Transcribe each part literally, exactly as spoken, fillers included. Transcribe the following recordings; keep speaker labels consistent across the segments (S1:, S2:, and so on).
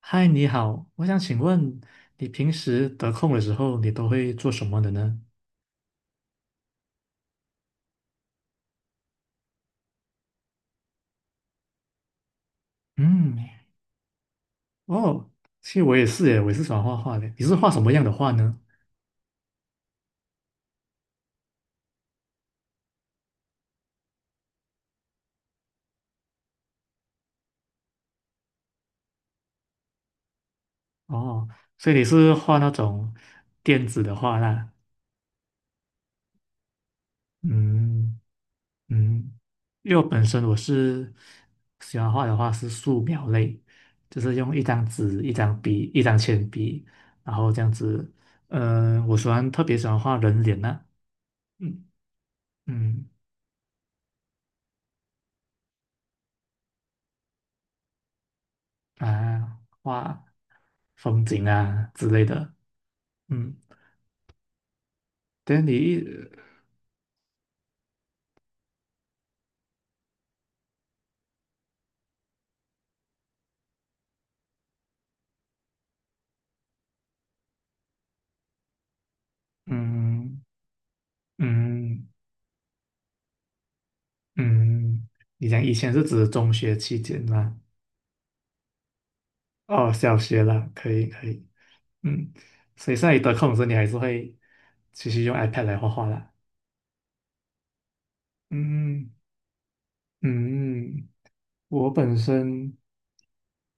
S1: 嗨，你好，我想请问你平时得空的时候，你都会做什么的呢？嗯，哦，其实我也是耶，我也是喜欢画画的。你是画什么样的画呢？哦，所以你是画那种电子的画啦。嗯嗯，因为我本身我是喜欢画的话是素描类，就是用一张纸、一张笔、一张铅笔，然后这样子。嗯、我喜欢特别喜欢画人脸呐、嗯嗯啊，画。风景啊之类的。嗯，但你一嗯嗯嗯，嗯嗯你讲以前是指中学期间啦，哦，小学啦，可以可以，嗯，所以现在你得空的时候，你还是会继续用 iPad 来画画啦。嗯嗯，嗯我本身。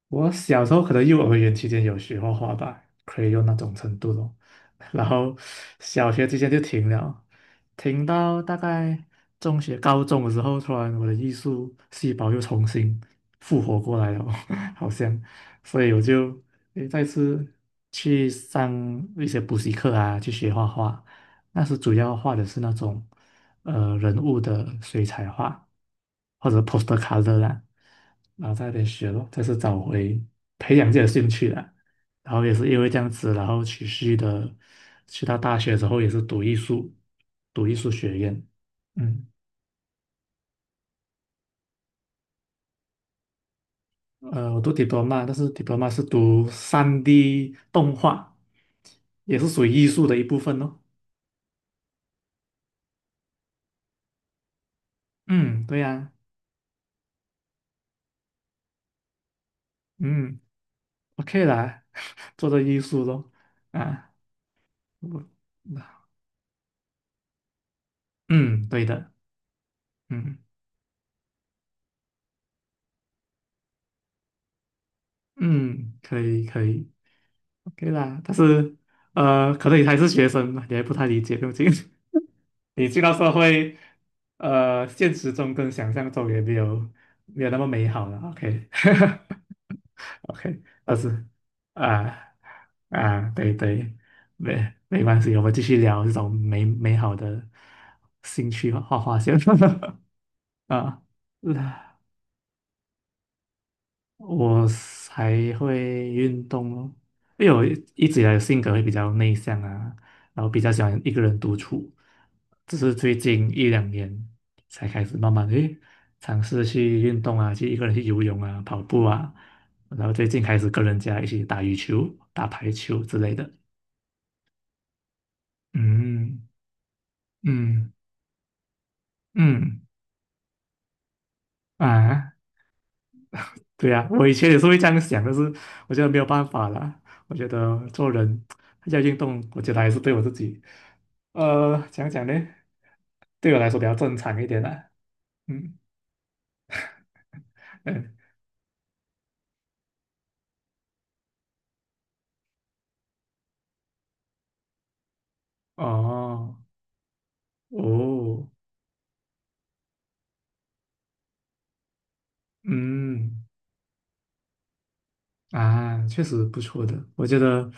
S1: 我小时候可能幼儿园期间有学画画吧，可以用那种程度咯。然后小学期间就停了，停到大概中学、高中的时候，突然我的艺术细胞又重新复活过来了，好像，所以我就诶再次去上一些补习课啊，去学画画。那时主要画的是那种。呃人物的水彩画或者 poster color 啦，然后在那边学咯，再次找回培养自己的兴趣啦。然后也是因为这样子，然后持续的去到大学之后也是读艺术，读艺术学院。嗯，呃，我读 diploma，但是 diploma 是读三 d 动画，也是属于艺术的一部分咯。嗯，对呀、嗯，OK 啦，做做艺术咯，啊，我嗯，对的。嗯嗯，可以可以，OK 啦。但是呃，可能你还是学生嘛，你还不太理解，毕竟 你进到社会，呃，现实中跟想象中也没有没有那么美好了。OK OK，但是啊啊，对对，没没关系，我们继续聊这种美美好的兴趣和画画先 啊。我还会运动咯，因为我一直以来的性格会比较内向啊，然后比较喜欢一个人独处，只是最近一两年才开始慢慢的尝试去运动啊，去一个人去游泳啊、跑步啊，然后最近开始跟人家一起打羽球、打排球之类的。嗯嗯嗯啊，对呀、我以前也是会这样想，但是我觉得没有办法啦。我觉得做人要运动，我觉得还是对我自己，呃，讲讲呢，对我来说比较正常一点啦。嗯嗯，哦哦，嗯啊，确实不错的。我觉得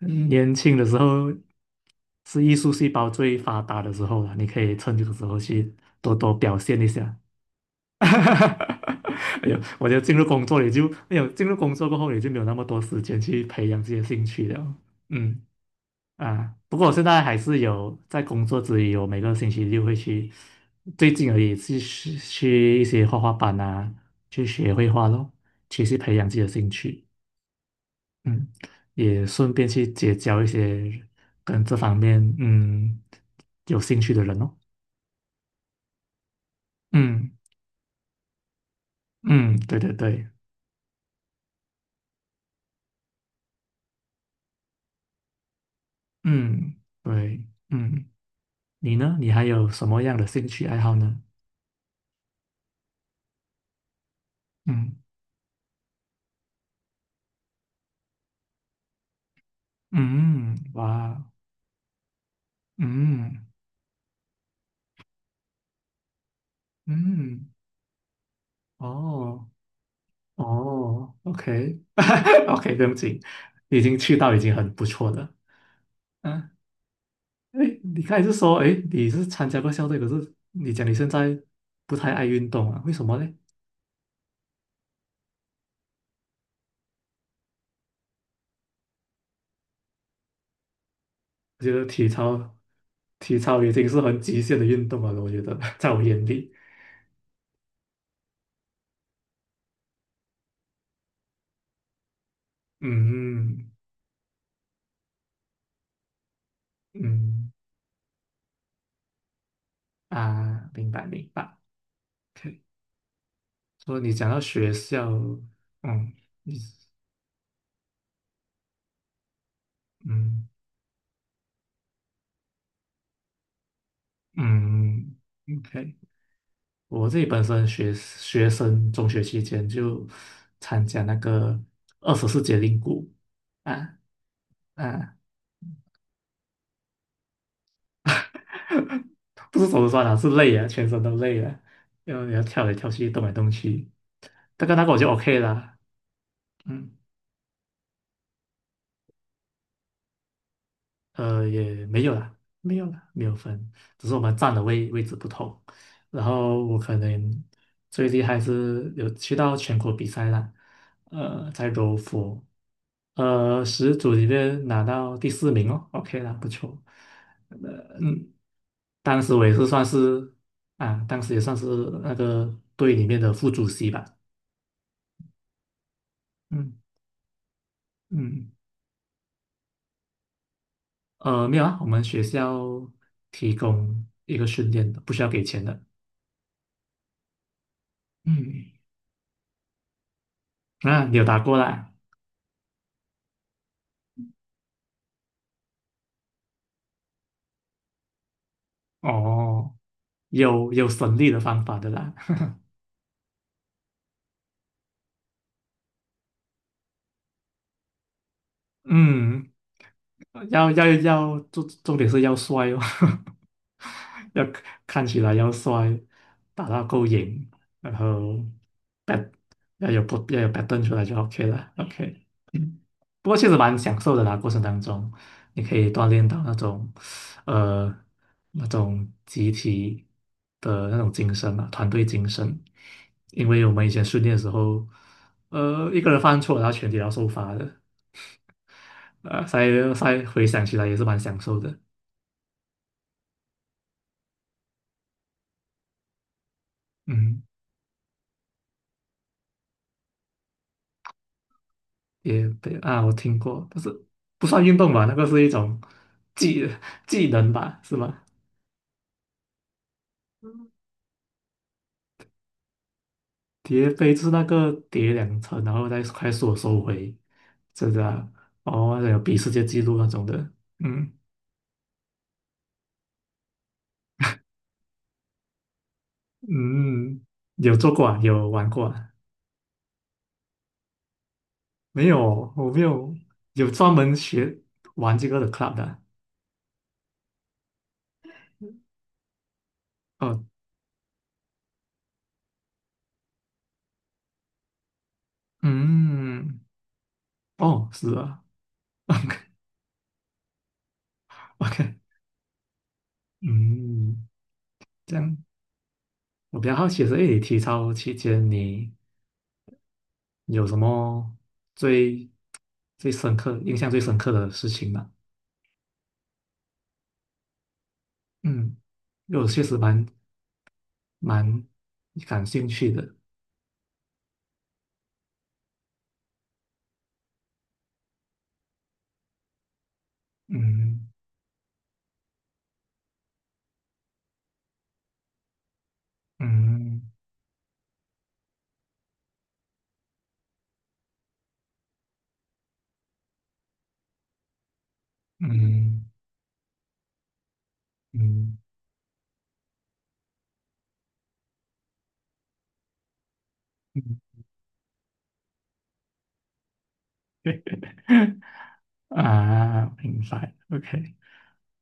S1: 嗯年轻的时候是艺术细胞最发达的时候了，你可以趁这个时候去多多表现一下。哈哈哈！哎呦，我觉得进入工作也就没有进入工作过后也就没有那么多时间去培养自己的兴趣了。嗯啊，不过我现在还是有在工作之余，我每个星期六会去，最近而已去去去一些画画班啊，去学绘画咯，其实培养自己的兴趣。嗯，也顺便去结交一些跟这方面嗯有兴趣的人哦。嗯嗯，对对对，嗯对嗯。你呢？你还有什么样的兴趣爱好呢？嗯嗯，哇，嗯嗯，哦哦，OK OK，对不起，已经去到已经很不错了。嗯，哎，你刚才是说，哎，你是参加过校队，可是你讲你现在不太爱运动啊？为什么呢？我觉得体操，体操已经是很极限的运动了，我觉得 在我眼里，嗯嗯啊，明白明白。OK 说你讲到学校，嗯，你嗯嗯，OK，我自己本身学学生中学期间就参加那个二十四节令鼓啊啊，不是手酸啊，是累啊，全身都累了，因为你要跳来跳去，动来动去，大概那个我就 OK 啦，嗯。呃，也没有啦，没有啦，没有分，只是我们站的位位置不同。然后我可能最厉害是有去到全国比赛啦，呃，在柔佛，呃，十组里面拿到第四名哦，OK 啦，不错。呃嗯，当时我也是算是啊，当时也算是那个队里面的副主席吧。嗯嗯，呃，没有啊，我们学校提供一个训练的，不需要给钱的。嗯。啊，你有打过啦？哦，有有省力的方法的啦。嗯，要要要，重重点是要帅哦，要看起来要帅，打到够瘾，然后要有不要有 pattern 出来就 OK 了。OK，不过确实蛮享受的啦，过程当中你可以锻炼到那种，呃，那种集体的那种精神啊，团队精神。因为我们以前训练的时候，呃，一个人犯错，然后全体要受罚的，呃，所在现在回想起来也是蛮享受的。嗯，也对啊，我听过，但是不算运动吧，那个是一种技技能吧，是吗？叠杯就是那个叠两层，然后再快速地收回，真的啊，哦，还有比世界纪录那种的，嗯嗯，有做过啊，有玩过啊，没有，我没有有专门学玩这个的 club 的啊哦，嗯，哦，是啊 ，OK，嗯，这样我比较好奇的是，诶，你体操期间你有什么最最深刻、印象最深刻的事情吗？嗯，因为我确实蛮蛮感兴趣的。嗯嗯嗯嗯嗯 啊，明白。OK，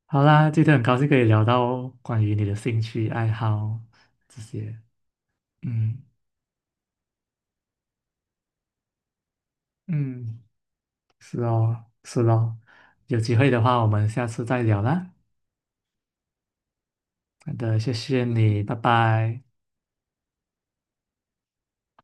S1: 好啦，今天很高兴可以聊到关于你的兴趣爱好这些。嗯嗯，是哦是哦，有机会的话我们下次再聊啦。好的，谢谢你，拜拜。